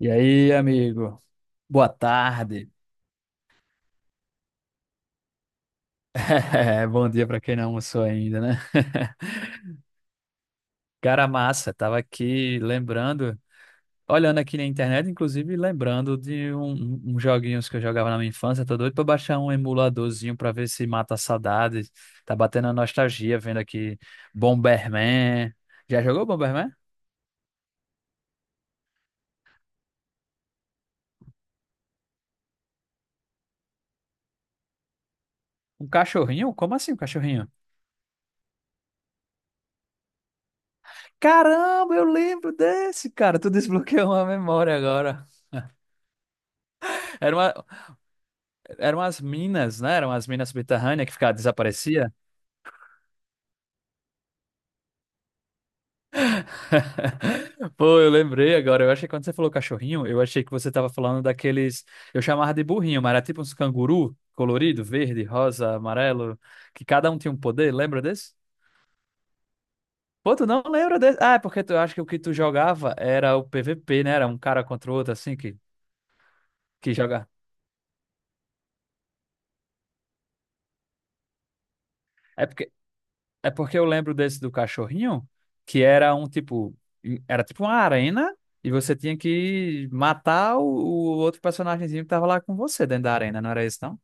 E aí, amigo? Boa tarde. Bom dia para quem não almoçou ainda, né? Cara massa, tava aqui lembrando, olhando aqui na internet, inclusive lembrando de uns joguinhos que eu jogava na minha infância. Tô doido pra baixar um emuladorzinho pra ver se mata a saudade. Tá batendo a nostalgia vendo aqui, Bomberman. Já jogou Bomberman? Um cachorrinho? Como assim um cachorrinho? Caramba, eu lembro desse, cara. Tu desbloqueou uma memória agora. Era uma, Eram as minas, né? Eram as minas subterrâneas que ficava, desaparecia. Pô, eu lembrei agora. Eu achei que, quando você falou cachorrinho, eu achei que você tava falando daqueles. Eu chamava de burrinho, mas era tipo uns canguru colorido, verde, rosa, amarelo, que cada um tinha um poder. Lembra desse? Pô, tu não lembra desse? Ah, é porque tu eu acho que o que tu jogava era o PVP, né? Era um cara contra o outro, assim, que joga. É porque É porque eu lembro desse do cachorrinho, que era um tipo, era tipo uma arena, e você tinha que matar o outro personagemzinho que tava lá com você dentro da arena, não era isso, não?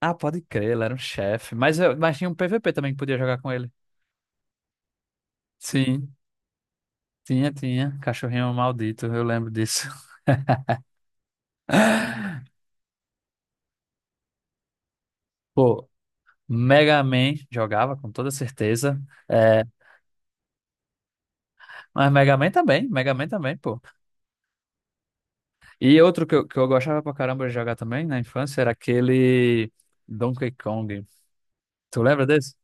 Ah, pode crer, ele era um chefe, mas mas tinha um PVP também que podia jogar com ele. Sim, tinha, cachorrinho maldito, eu lembro disso. Pô, Mega Man jogava com toda certeza, é, mas Mega Man também, pô. E outro que eu gostava pra caramba de jogar também na infância era aquele Donkey Kong. Tu lembra desse?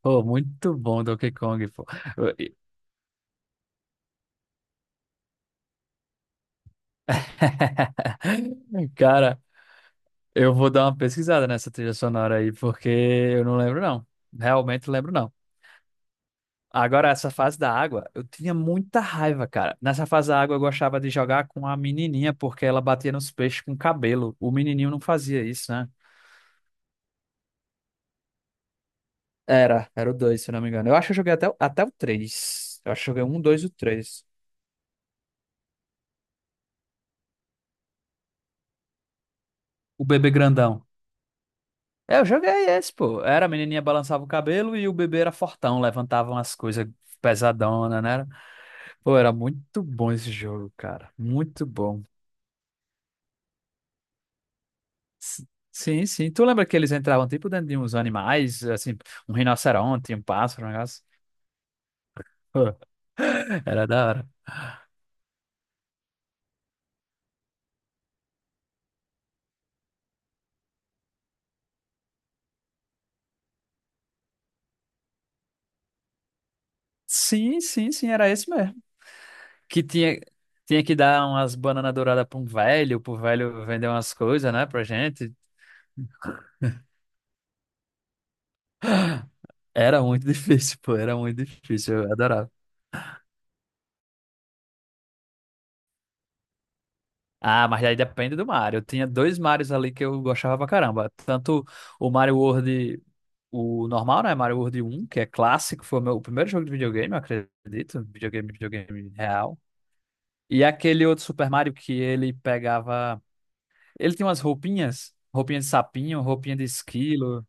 Pô, muito bom Donkey Kong, pô. Eu- e- Cara, eu vou dar uma pesquisada nessa trilha sonora aí, porque eu não lembro, não. Realmente lembro, não. Agora, essa fase da água, eu tinha muita raiva, cara. Nessa fase da água, eu gostava de jogar com a menininha, porque ela batia nos peixes com o cabelo. O menininho não fazia isso, né? Era o dois, se eu não me engano. Eu acho que eu joguei até o três. Eu acho que eu joguei um, dois e o 3. O bebê grandão. É, eu joguei esse, pô. Era, a menininha balançava o cabelo e o bebê era fortão, levantavam as coisas pesadona, né? Pô, era muito bom esse jogo, cara. Muito bom. S- Sim, sim. Tu lembra que eles entravam tipo dentro de uns animais, assim, um rinoceronte, um pássaro, um negócio? Pô, era da hora. Sim, sim, sim, era esse mesmo. Que tinha que dar umas bananas douradas pra um velho, pro velho vender umas coisas, né, pra gente. Era muito difícil, pô, era muito difícil, eu adorava. Ah, mas aí depende do Mario. Eu tinha dois Marios ali que eu gostava pra caramba. Tanto o Mario World, o normal, né, Mario World um, que é clássico, foi o meu primeiro jogo de videogame, eu acredito, videogame, videogame real. E aquele outro Super Mario que ele pegava, ele tinha umas roupinhas, roupinha de sapinho, roupinha de esquilo.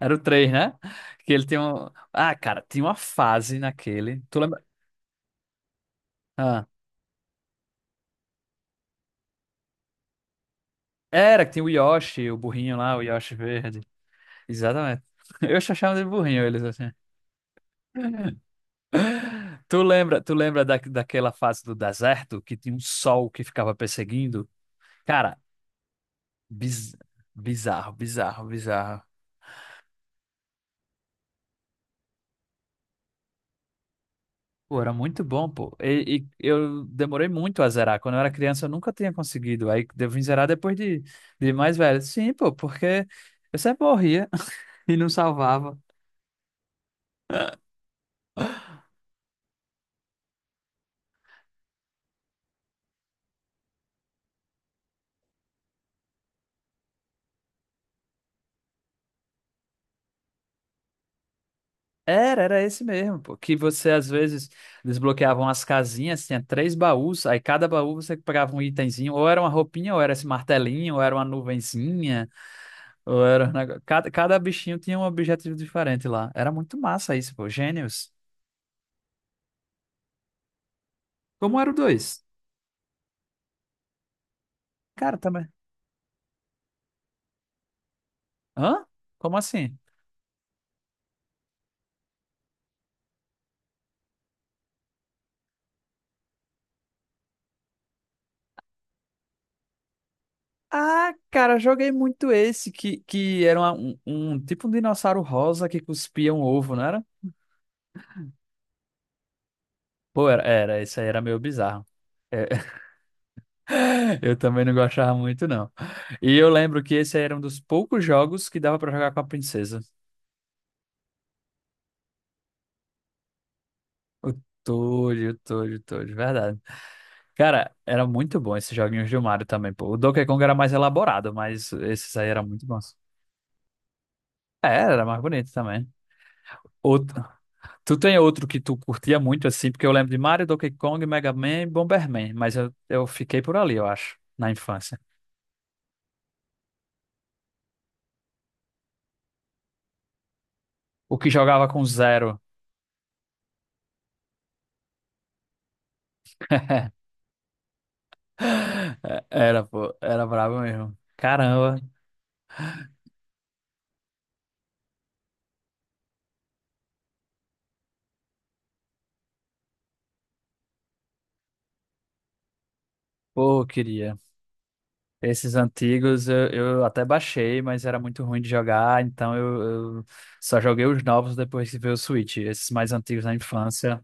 Era o três, né? Que ele tem um. Ah, cara, tinha uma fase naquele. Tu lembra? Ah. Era que tinha o Yoshi, o burrinho lá, o Yoshi verde. Exatamente. Eu só chamo de burrinho eles assim. Tu lembra daquela fase do deserto que tinha um sol que ficava perseguindo? Cara, biz- bizarro, bizarro, bizarro. Pô, era muito bom, pô. E eu demorei muito a zerar. Quando eu era criança, eu nunca tinha conseguido. Aí eu vim zerar depois de mais velho. Sim, pô, porque eu sempre morria. E não salvava. Era esse mesmo, pô. Que você às vezes desbloqueavam as casinhas, tinha três baús, aí cada baú você pegava um itemzinho, ou era uma roupinha, ou era esse martelinho, ou era uma nuvenzinha, ou Cada bichinho tinha um objetivo diferente lá. Era muito massa isso, pô. Gênios. Como era o 2? Cara, também. Hã? Como assim? Ah, cara, joguei muito esse que era um tipo um dinossauro rosa que cuspia um ovo, não era? Pô, era, esse aí era meio bizarro. É, eu também não gostava muito, não. E eu lembro que esse era um dos poucos jogos que dava pra jogar com a princesa. O Toad, o Toad, o Toad, verdade. Cara, era muito bom esses joguinhos do Mario também, pô. O Donkey Kong era mais elaborado, mas esses aí eram muito bons. É, era mais bonito também. Outro... Tu tem outro que tu curtia muito, assim? Porque eu lembro de Mario, Donkey Kong, Mega Man e Bomberman, mas eu fiquei por ali, eu acho, na infância. O que jogava com Zero. É, era, pô, era brabo mesmo. Caramba, pô, eu queria. Esses antigos eu até baixei, mas era muito ruim de jogar, então eu só joguei os novos depois que veio o Switch, esses mais antigos na infância.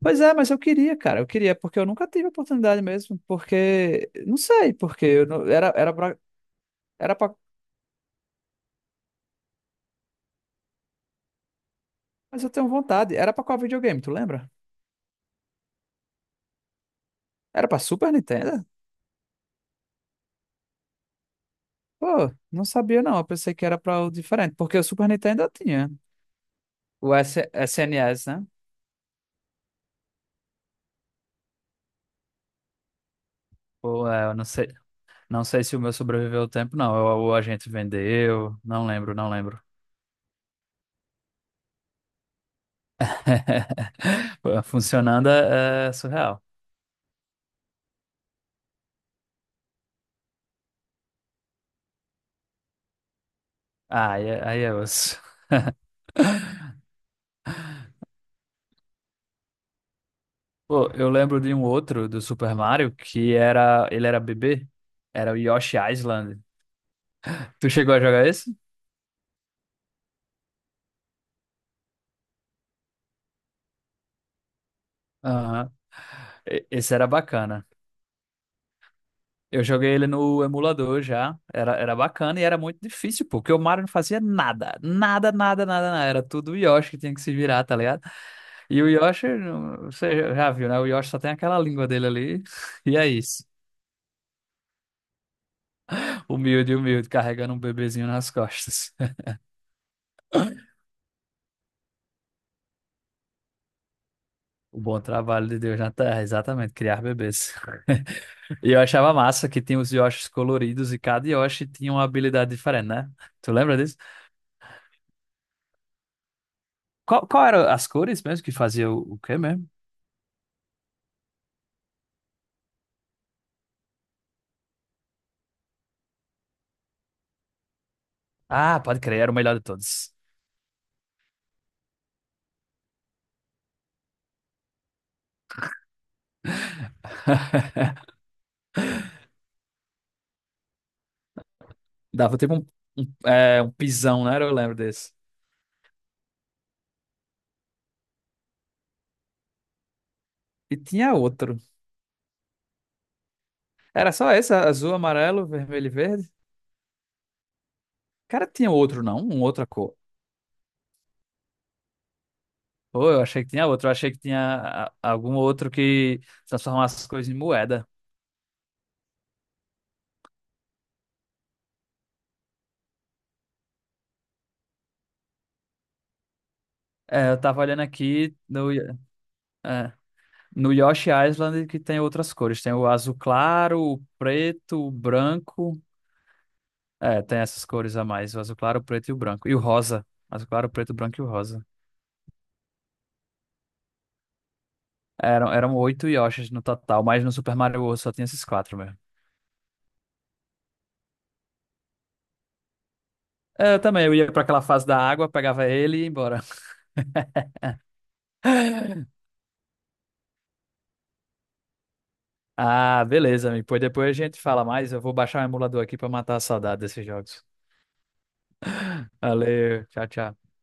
Pois é, mas eu queria, cara, eu queria, porque eu nunca tive oportunidade mesmo, porque, não sei, porque eu não- era, era pra, mas eu tenho vontade, era pra qual videogame, tu lembra? Era pra Super Nintendo? Pô, não sabia, não, eu pensei que era pra o diferente, porque o Super Nintendo eu tinha. O S SNS, né? Ou, é, eu não sei se o meu sobreviveu ao tempo, não. Ou a gente vendeu, não lembro, não lembro. Funcionando é surreal. Ah, aí é osso. Pô, eu lembro de um outro do Super Mario que ele era bebê, era o Yoshi Island. Tu chegou a jogar esse? Aham. Esse era bacana. Eu joguei ele no emulador já. Era bacana e era muito difícil, pô, porque o Mario não fazia nada. Nada, nada, nada, nada. Era tudo o Yoshi que tinha que se virar, tá ligado? E o Yoshi, você já viu, né? O Yoshi só tem aquela língua dele ali. E é isso. Humilde, humilde, carregando um bebezinho nas costas. O bom trabalho de Deus na Terra, exatamente, criar bebês. E eu achava massa que tinha os Yoshis coloridos, e cada Yoshi tinha uma habilidade diferente, né? Tu lembra disso? Qual eram as cores mesmo, que fazia o quê mesmo? Ah, pode crer, era o melhor de todos. Dava tipo um pisão, né? Eu lembro desse. E tinha outro. Era só esse, azul, amarelo, vermelho e verde? Cara, tinha outro, não? Uma outra cor. Pô, eu achei que tinha outro. Eu achei que tinha algum outro que transformasse as coisas em moeda. É, eu tava olhando aqui é, no Yoshi Island, que tem outras cores. Tem o azul claro, o preto, o branco. É, tem essas cores a mais. O azul claro, o preto e o branco. E o rosa. Azul claro, o preto, o branco e o rosa. Eram oito Yoshis no total, mas no Super Mario World só tinha esses quatro mesmo. É, eu também, eu ia pra aquela fase da água, pegava ele e ia embora. Ah, beleza, amigo. Pois depois a gente fala mais. Eu vou baixar o emulador aqui pra matar a saudade desses jogos. Valeu, tchau, tchau.